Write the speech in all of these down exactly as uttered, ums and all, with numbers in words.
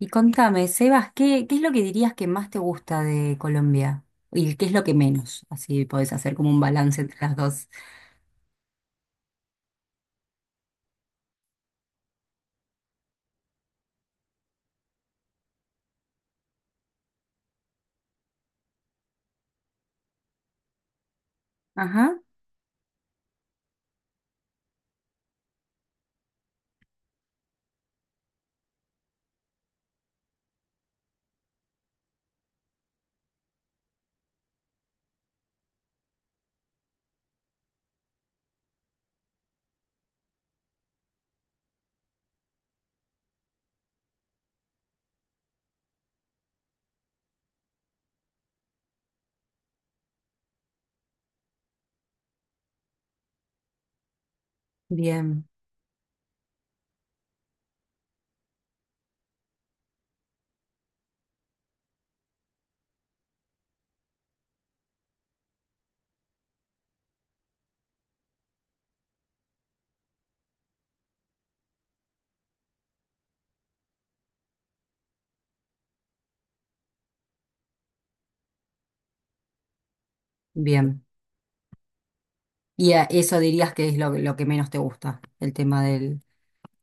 Y contame, Sebas, ¿qué, qué es lo que dirías que más te gusta de Colombia? ¿Y qué es lo que menos? Así podés hacer como un balance entre las dos. Ajá, bien, bien. Y a eso dirías que es lo, lo que menos te gusta, el tema del,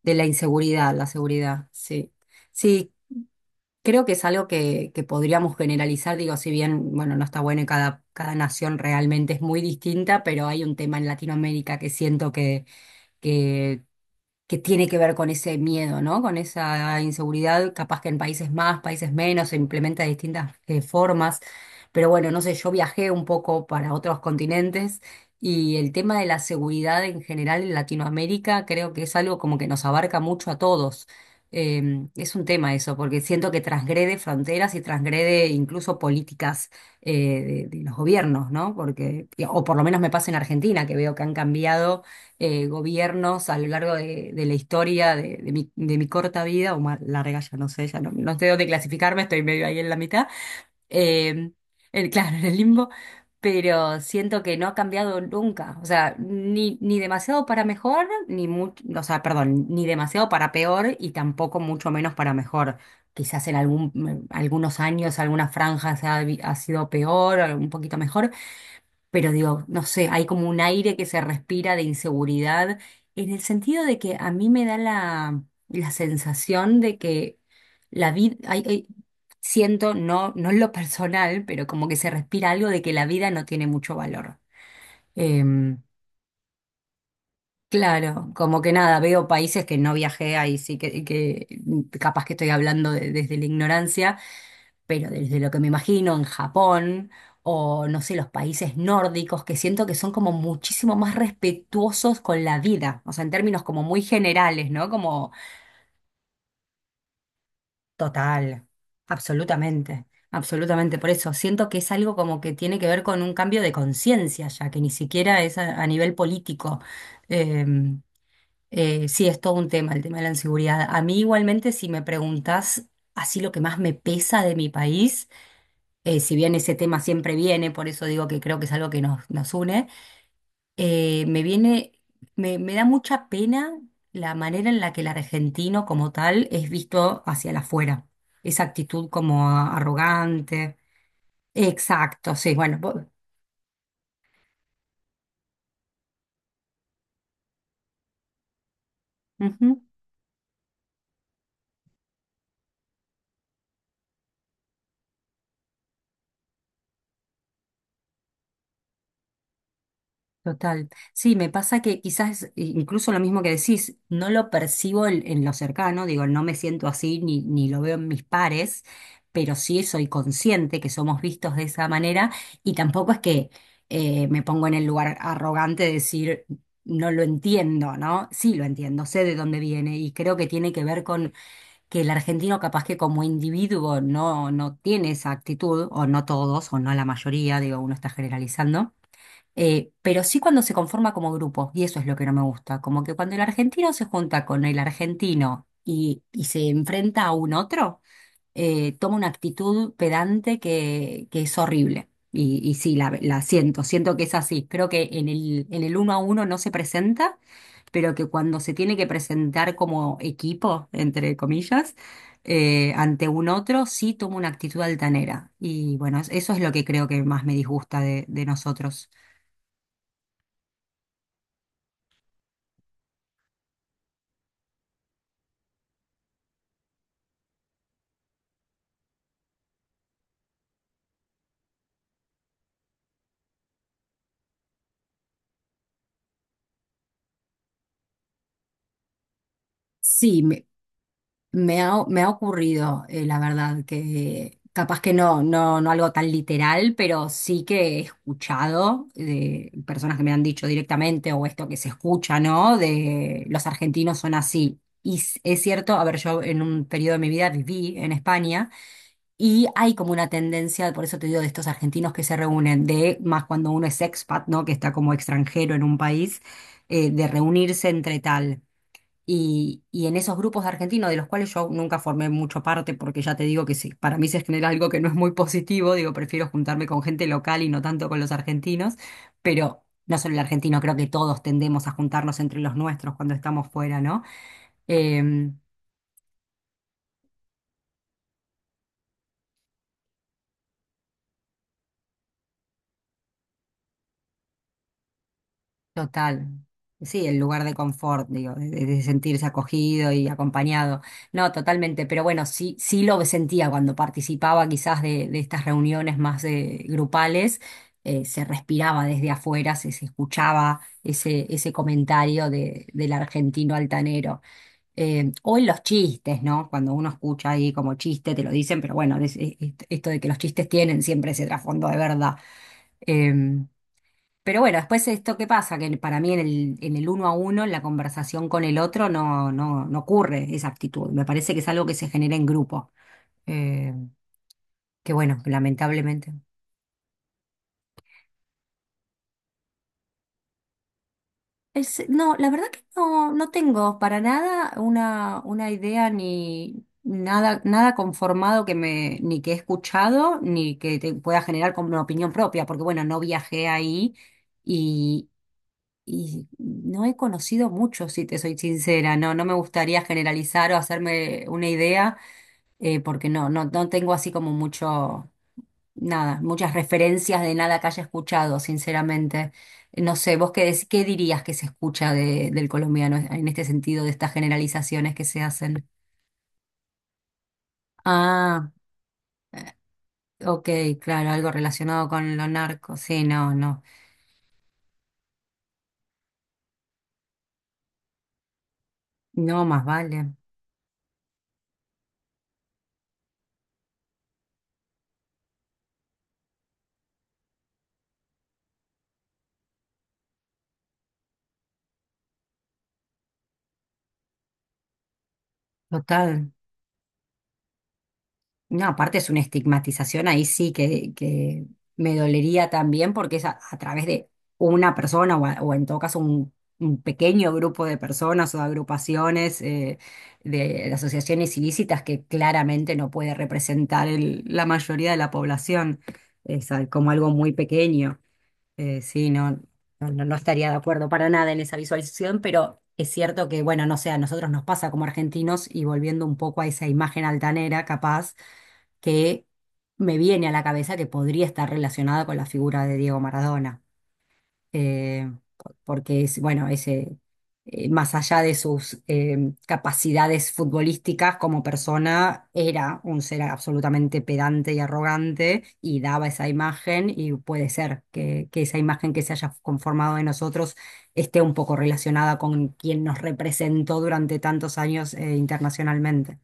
de la inseguridad, la seguridad, sí. Sí, creo que es algo que, que podríamos generalizar, digo, si bien, bueno, no está bueno y cada, cada nación realmente es muy distinta, pero hay un tema en Latinoamérica que siento que... que que tiene que ver con ese miedo, ¿no? Con esa inseguridad, capaz que en países más, países menos, se implementa de distintas eh, formas. Pero bueno, no sé, yo viajé un poco para otros continentes y el tema de la seguridad en general en Latinoamérica creo que es algo como que nos abarca mucho a todos. Eh, es un tema eso, porque siento que transgrede fronteras y transgrede incluso políticas eh, de, de los gobiernos, ¿no? Porque, o por lo menos me pasa en Argentina, que veo que han cambiado eh, gobiernos a lo largo de, de la historia de, de mi, de mi corta vida, o más larga, ya no sé, ya no, no sé dónde clasificarme, estoy medio ahí en la mitad, eh, el, claro, en el limbo, pero siento que no ha cambiado nunca, o sea, ni, ni demasiado para mejor, ni mucho, o sea, perdón, ni demasiado para peor y tampoco mucho menos para mejor. Quizás en algún, algunos años, algunas franjas ha, ha sido peor, un poquito mejor, pero digo, no sé, hay como un aire que se respira de inseguridad, en el sentido de que a mí me da la, la sensación de que la vida, siento, no, no en lo personal, pero como que se respira algo de que la vida no tiene mucho valor. Em, claro, como que nada, veo países que no viajé ahí, sí que, que capaz que estoy hablando de- desde la ignorancia pero desde lo que me imagino en Japón o no sé, los países nórdicos, que siento que son como muchísimo más respetuosos con la vida, o sea, en términos como muy generales, ¿no? Como total, absolutamente, absolutamente. Por eso siento que es algo como que tiene que ver con un cambio de conciencia, ya que ni siquiera es a, a nivel político. Em, eh, sí, es todo un tema, el tema de la inseguridad. A mí igualmente, si me preguntás así lo que más me pesa de mi país, eh, si bien ese tema siempre viene, por eso digo que creo que es algo que nos, nos une, eh, me viene, me, me da mucha pena la manera en la que el argentino como tal es visto hacia la afuera. Esa actitud como a- arrogante. Exacto, sí, bueno. vos- Total. Sí, me pasa que quizás eh, incluso lo mismo que decís, no lo percibo en, en lo cercano, digo, no me siento así ni, ni lo veo en mis pares, pero sí soy consciente que somos vistos de esa manera y tampoco es que eh, me pongo en el lugar arrogante de decir no lo entiendo, ¿no? Sí lo entiendo, sé de dónde viene y creo que tiene que ver con que el argentino capaz que como individuo no, no tiene esa actitud, o no todos, o no la mayoría, digo, uno está generalizando eh, pero sí cuando se conforma como grupo, y eso es lo que no me gusta, como que cuando el argentino se junta con el argentino y, y se enfrenta a un otro, eh, toma una actitud pedante que, que es horrible. Y, y sí, la, la siento, siento que es así. Creo que en el, en el uno a uno no se presenta, pero que cuando se tiene que presentar como equipo, entre comillas, eh, ante un otro, sí toma una actitud altanera. Y bueno, eso es lo que creo que más me disgusta de de nosotros. Sí, me, me ha, me ha ocurrido, eh, la verdad, que capaz que no, no, no algo tan literal, pero sí que he escuchado de personas que me han dicho directamente, o esto que se escucha, ¿no? De los argentinos son así. Y s- es cierto, a ver, yo en un periodo de mi vida viví en España. Y hay como una tendencia, por eso te digo, de estos argentinos que se reúnen, de más cuando uno es expat, ¿no? Que está como extranjero en un país, eh, de reunirse entre tal. Y, y en esos grupos de argentinos, de los cuales yo nunca formé mucho parte, porque ya te digo que sí, para mí se genera algo que no es muy positivo, digo, prefiero juntarme con gente local y no tanto con los argentinos, pero no solo el argentino, creo que todos tendemos a juntarnos entre los nuestros cuando estamos fuera, ¿no? Em, Total. Sí, el lugar de confort, digo, de, de sentirse acogido y acompañado. No, totalmente, pero bueno, sí, sí lo sentía cuando participaba quizás de, de estas reuniones más eh, grupales, eh, se respiraba desde afuera, se, se escuchaba ese, ese comentario de, del argentino altanero. Eh, o en los chistes, ¿no? Cuando uno escucha ahí como chiste, te lo dicen, pero bueno, es- es- esto de que los chistes tienen siempre ese trasfondo de verdad. Em, pero bueno, después esto qué pasa, que para mí en el, en el uno a uno, en la conversación con el otro, no, no, no ocurre esa actitud. Me parece que es algo que se genera en grupo. Eh, que bueno, lamentablemente. Es- no, la verdad que no, no tengo para nada una, una idea ni nada, nada conformado que me, ni que he escuchado, ni que te pueda generar como una opinión propia, porque bueno, no viajé ahí. Y no he conocido mucho, si te soy sincera, no, no me gustaría generalizar o hacerme una idea, eh, porque no, no, no tengo así como mucho, nada, muchas referencias de nada que haya escuchado, sinceramente. No sé, vos qué, dec- qué dirías que se escucha de- del colombiano en este sentido de estas generalizaciones que se hacen. Ah, ok, claro, algo relacionado con lo narco, sí, no, no, no, más vale, total. No, aparte es una estigmatización ahí sí que, que me dolería también porque es a, a través de una persona o, a- o en todo caso un, un pequeño grupo de personas o de agrupaciones eh, de, de asociaciones ilícitas que claramente no puede representar el- la mayoría de la población, es a- como algo muy pequeño. Eh, sí, no, no, no no estaría de acuerdo para nada en esa visualización, pero es cierto que, bueno, no sé, a nosotros nos pasa como argentinos y volviendo un poco a esa imagen altanera, capaz, que me viene a la cabeza que podría estar relacionada con la figura de Diego Maradona eh, por- porque es, bueno, ese, más allá de sus eh, capacidades futbolísticas como persona, era un ser absolutamente pedante y arrogante y daba esa imagen y puede ser que, que esa imagen que se haya conformado de nosotros esté un poco relacionada con quien nos representó durante tantos años eh, internacionalmente.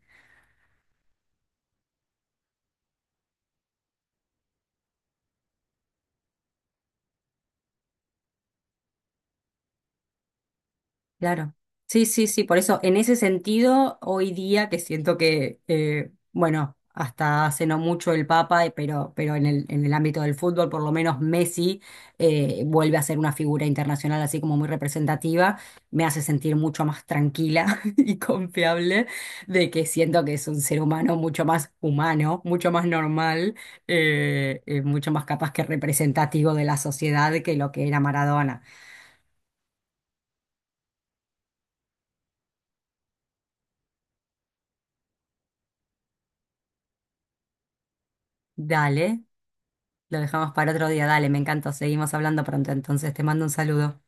Claro. Sí, sí, sí. Por eso, en ese sentido, hoy día que siento que, eh, bueno, hasta hace no mucho el Papa, eh, pero, pero en el, en el ámbito del fútbol, por lo menos Messi eh, vuelve a ser una figura internacional así como muy representativa, me hace sentir mucho más tranquila y confiable de que siento que es un ser humano mucho más humano, mucho más normal, eh, eh, mucho más capaz que representativo de la sociedad que lo que era Maradona. Dale. Lo dejamos para otro día. Dale, me encanta. Seguimos hablando pronto. Entonces te mando un saludo.